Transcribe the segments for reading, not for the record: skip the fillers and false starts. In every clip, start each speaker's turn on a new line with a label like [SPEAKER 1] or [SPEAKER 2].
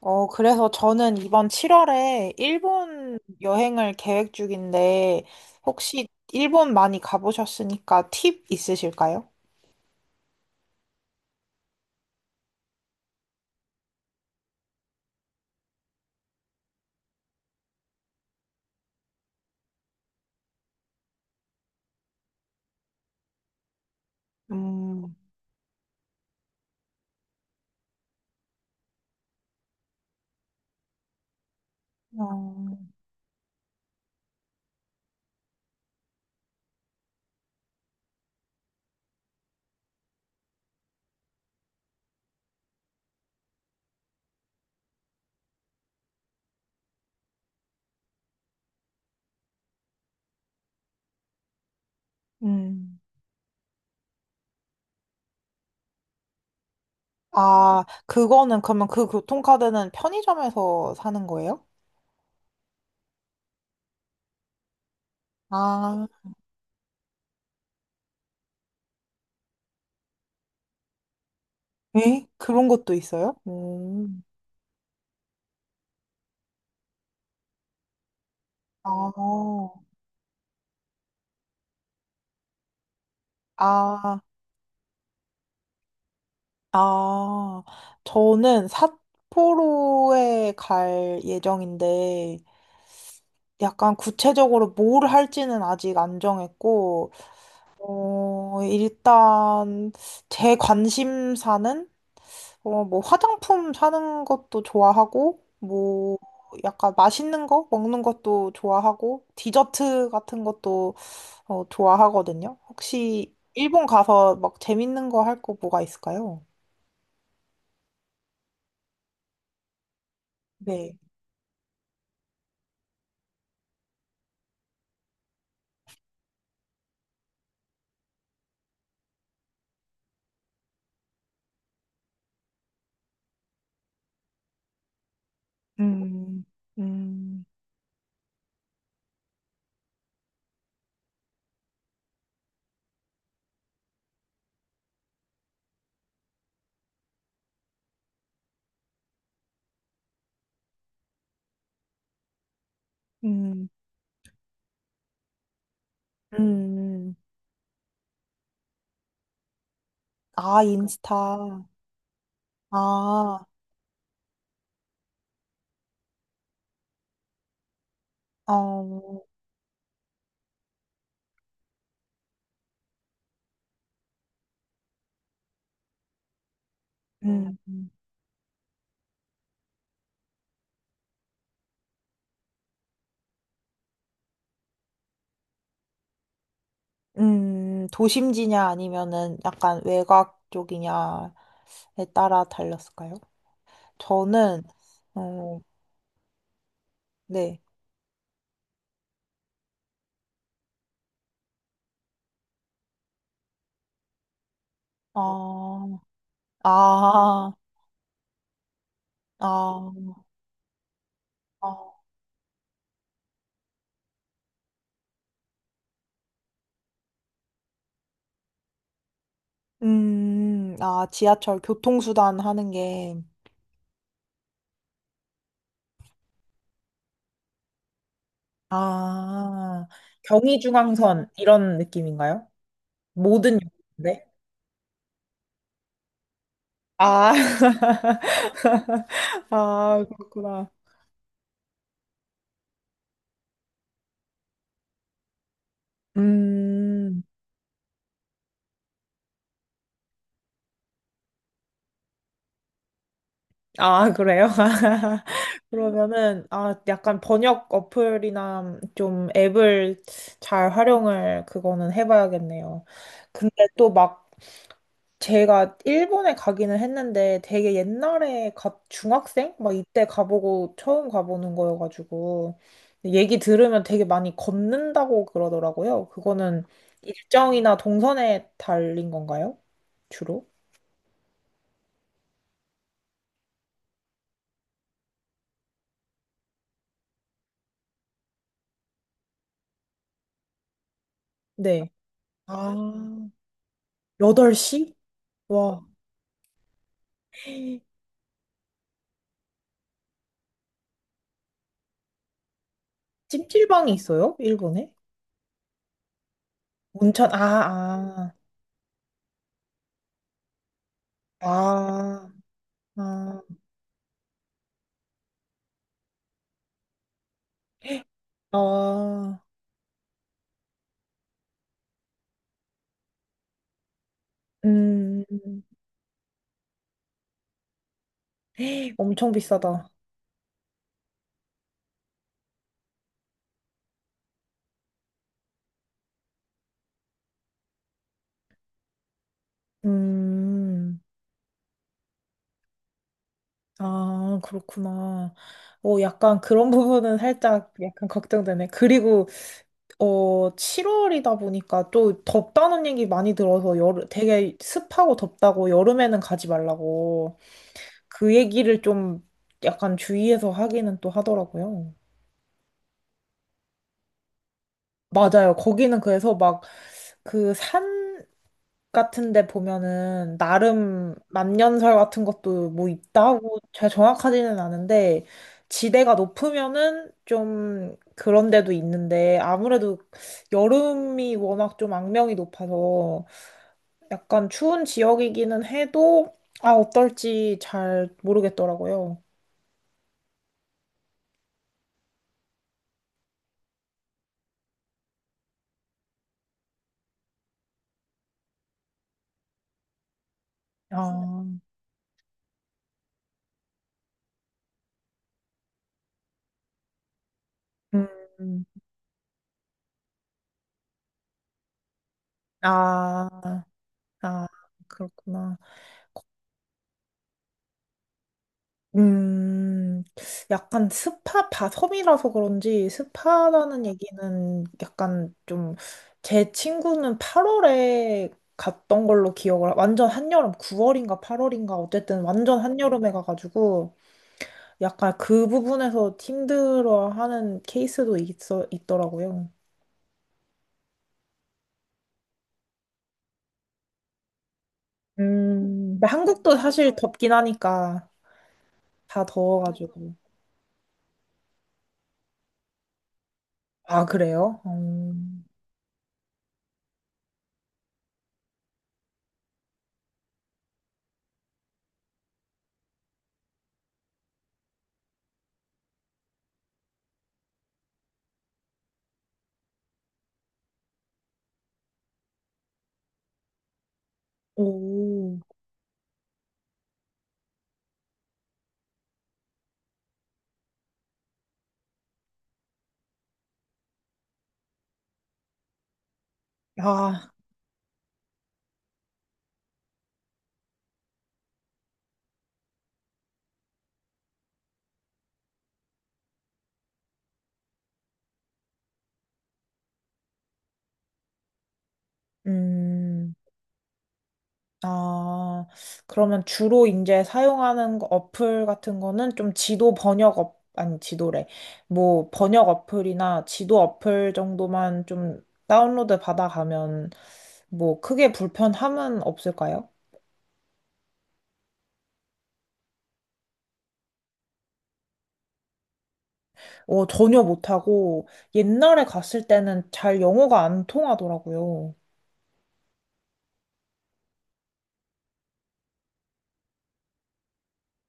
[SPEAKER 1] 그래서 저는 이번 7월에 일본 여행을 계획 중인데, 혹시 일본 많이 가보셨으니까 팁 있으실까요? 음, 어, 음. 아, 그거는, 그러면 그 교통카드는 편의점에서 사는 거예요? 아, 에? 그런 것도 있어요? 아, 아, 아. 저는 삿포로에 갈 예정인데, 약간 구체적으로 뭘 할지는 아직 안 정했고, 일단 제 관심사는, 뭐 화장품 사는 것도 좋아하고, 뭐 약간 맛있는 거 먹는 것도 좋아하고, 디저트 같은 것도 좋아하거든요. 혹시 일본 가서 막 재밌는 거 할 거 뭐가 있을까요? 네. 음, 음, 음, 음. 아, 인스타. 아, 어, 음, 도심지냐 아니면은 약간 외곽 쪽이냐에 따라 달렸을까요? 저는, 어, 네. 아, 아, 아, 아. 아, 지하철 교통수단 하는 게, 아, 경의중앙선 이런 느낌인가요? 모든 역인데? 아, 아, 그렇구나. 음, 아, 그래요? 그러면은, 아, 약간 번역 어플이나 좀 앱을 잘 활용을 그거는 해봐야겠네요. 근데 또 막 제가 일본에 가기는 했는데 되게 옛날에 중학생? 막 이때 가보고 처음 가보는 거여가지고 얘기 들으면 되게 많이 걷는다고 그러더라고요. 그거는 일정이나 동선에 달린 건가요? 주로? 네. 아, 8시? 와. 찜질방이 있어요? 일본에? 온천, 아, 아, 아, 아, 아, 음, 엄청 비싸다. 음, 아, 그렇구나. 약간 그런 부분은 살짝 약간 걱정되네. 그리고, 7월이다 보니까 또 덥다는 얘기 많이 들어서 여름, 되게 습하고 덥다고 여름에는 가지 말라고 그 얘기를 좀 약간 주의해서 하기는 또 하더라고요. 맞아요. 거기는 그래서 막 그 산 같은데 보면은 나름 만년설 같은 것도 뭐 있다고 잘 정확하지는 않은데 지대가 높으면은 좀 그런 데도 있는데 아무래도 여름이 워낙 좀 악명이 높아서 약간 추운 지역이기는 해도 아 어떨지 잘 모르겠더라고요. 아, 음, 음. 아, 아, 그렇구나. 음, 약간 스파, 바, 섬이라서 그런지 스파라는 얘기는 약간 좀, 제 친구는 8월에 갔던 걸로 기억을, 완전 한여름, 9월인가 8월인가, 어쨌든 완전 한여름에 가가지고, 약간 그 부분에서 힘들어하는 케이스도 있더라고요. 근데 한국도 사실 덥긴 하니까, 다 더워가지고. 아, 그래요? 오, 아, 음. 아, 그러면 주로 이제 사용하는 어플 같은 거는 좀 지도 번역 아니 지도래. 뭐 번역 어플이나 지도 어플 정도만 좀 다운로드 받아가면 뭐 크게 불편함은 없을까요? 어, 전혀 못하고 옛날에 갔을 때는 잘 영어가 안 통하더라고요.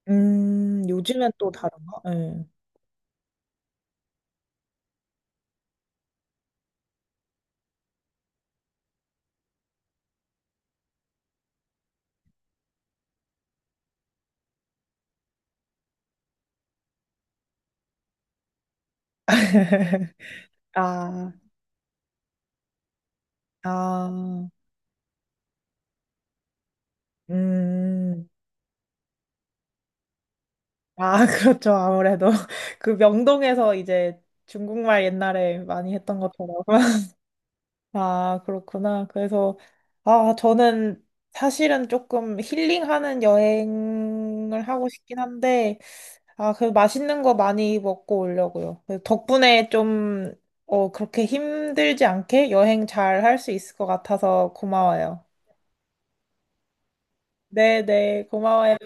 [SPEAKER 1] 요즘엔 또 다른가? 예. 아, 아, 음. 아, 그렇죠. 아무래도 그 명동에서 이제 중국말 옛날에 많이 했던 것처럼. 아, 그렇구나. 그래서 아, 저는 사실은 조금 힐링하는 여행을 하고 싶긴 한데 아, 그 맛있는 거 많이 먹고 오려고요. 그 덕분에 좀 그렇게 힘들지 않게 여행 잘 할 수 있을 것 같아서 고마워요. 네, 네. 고마워요.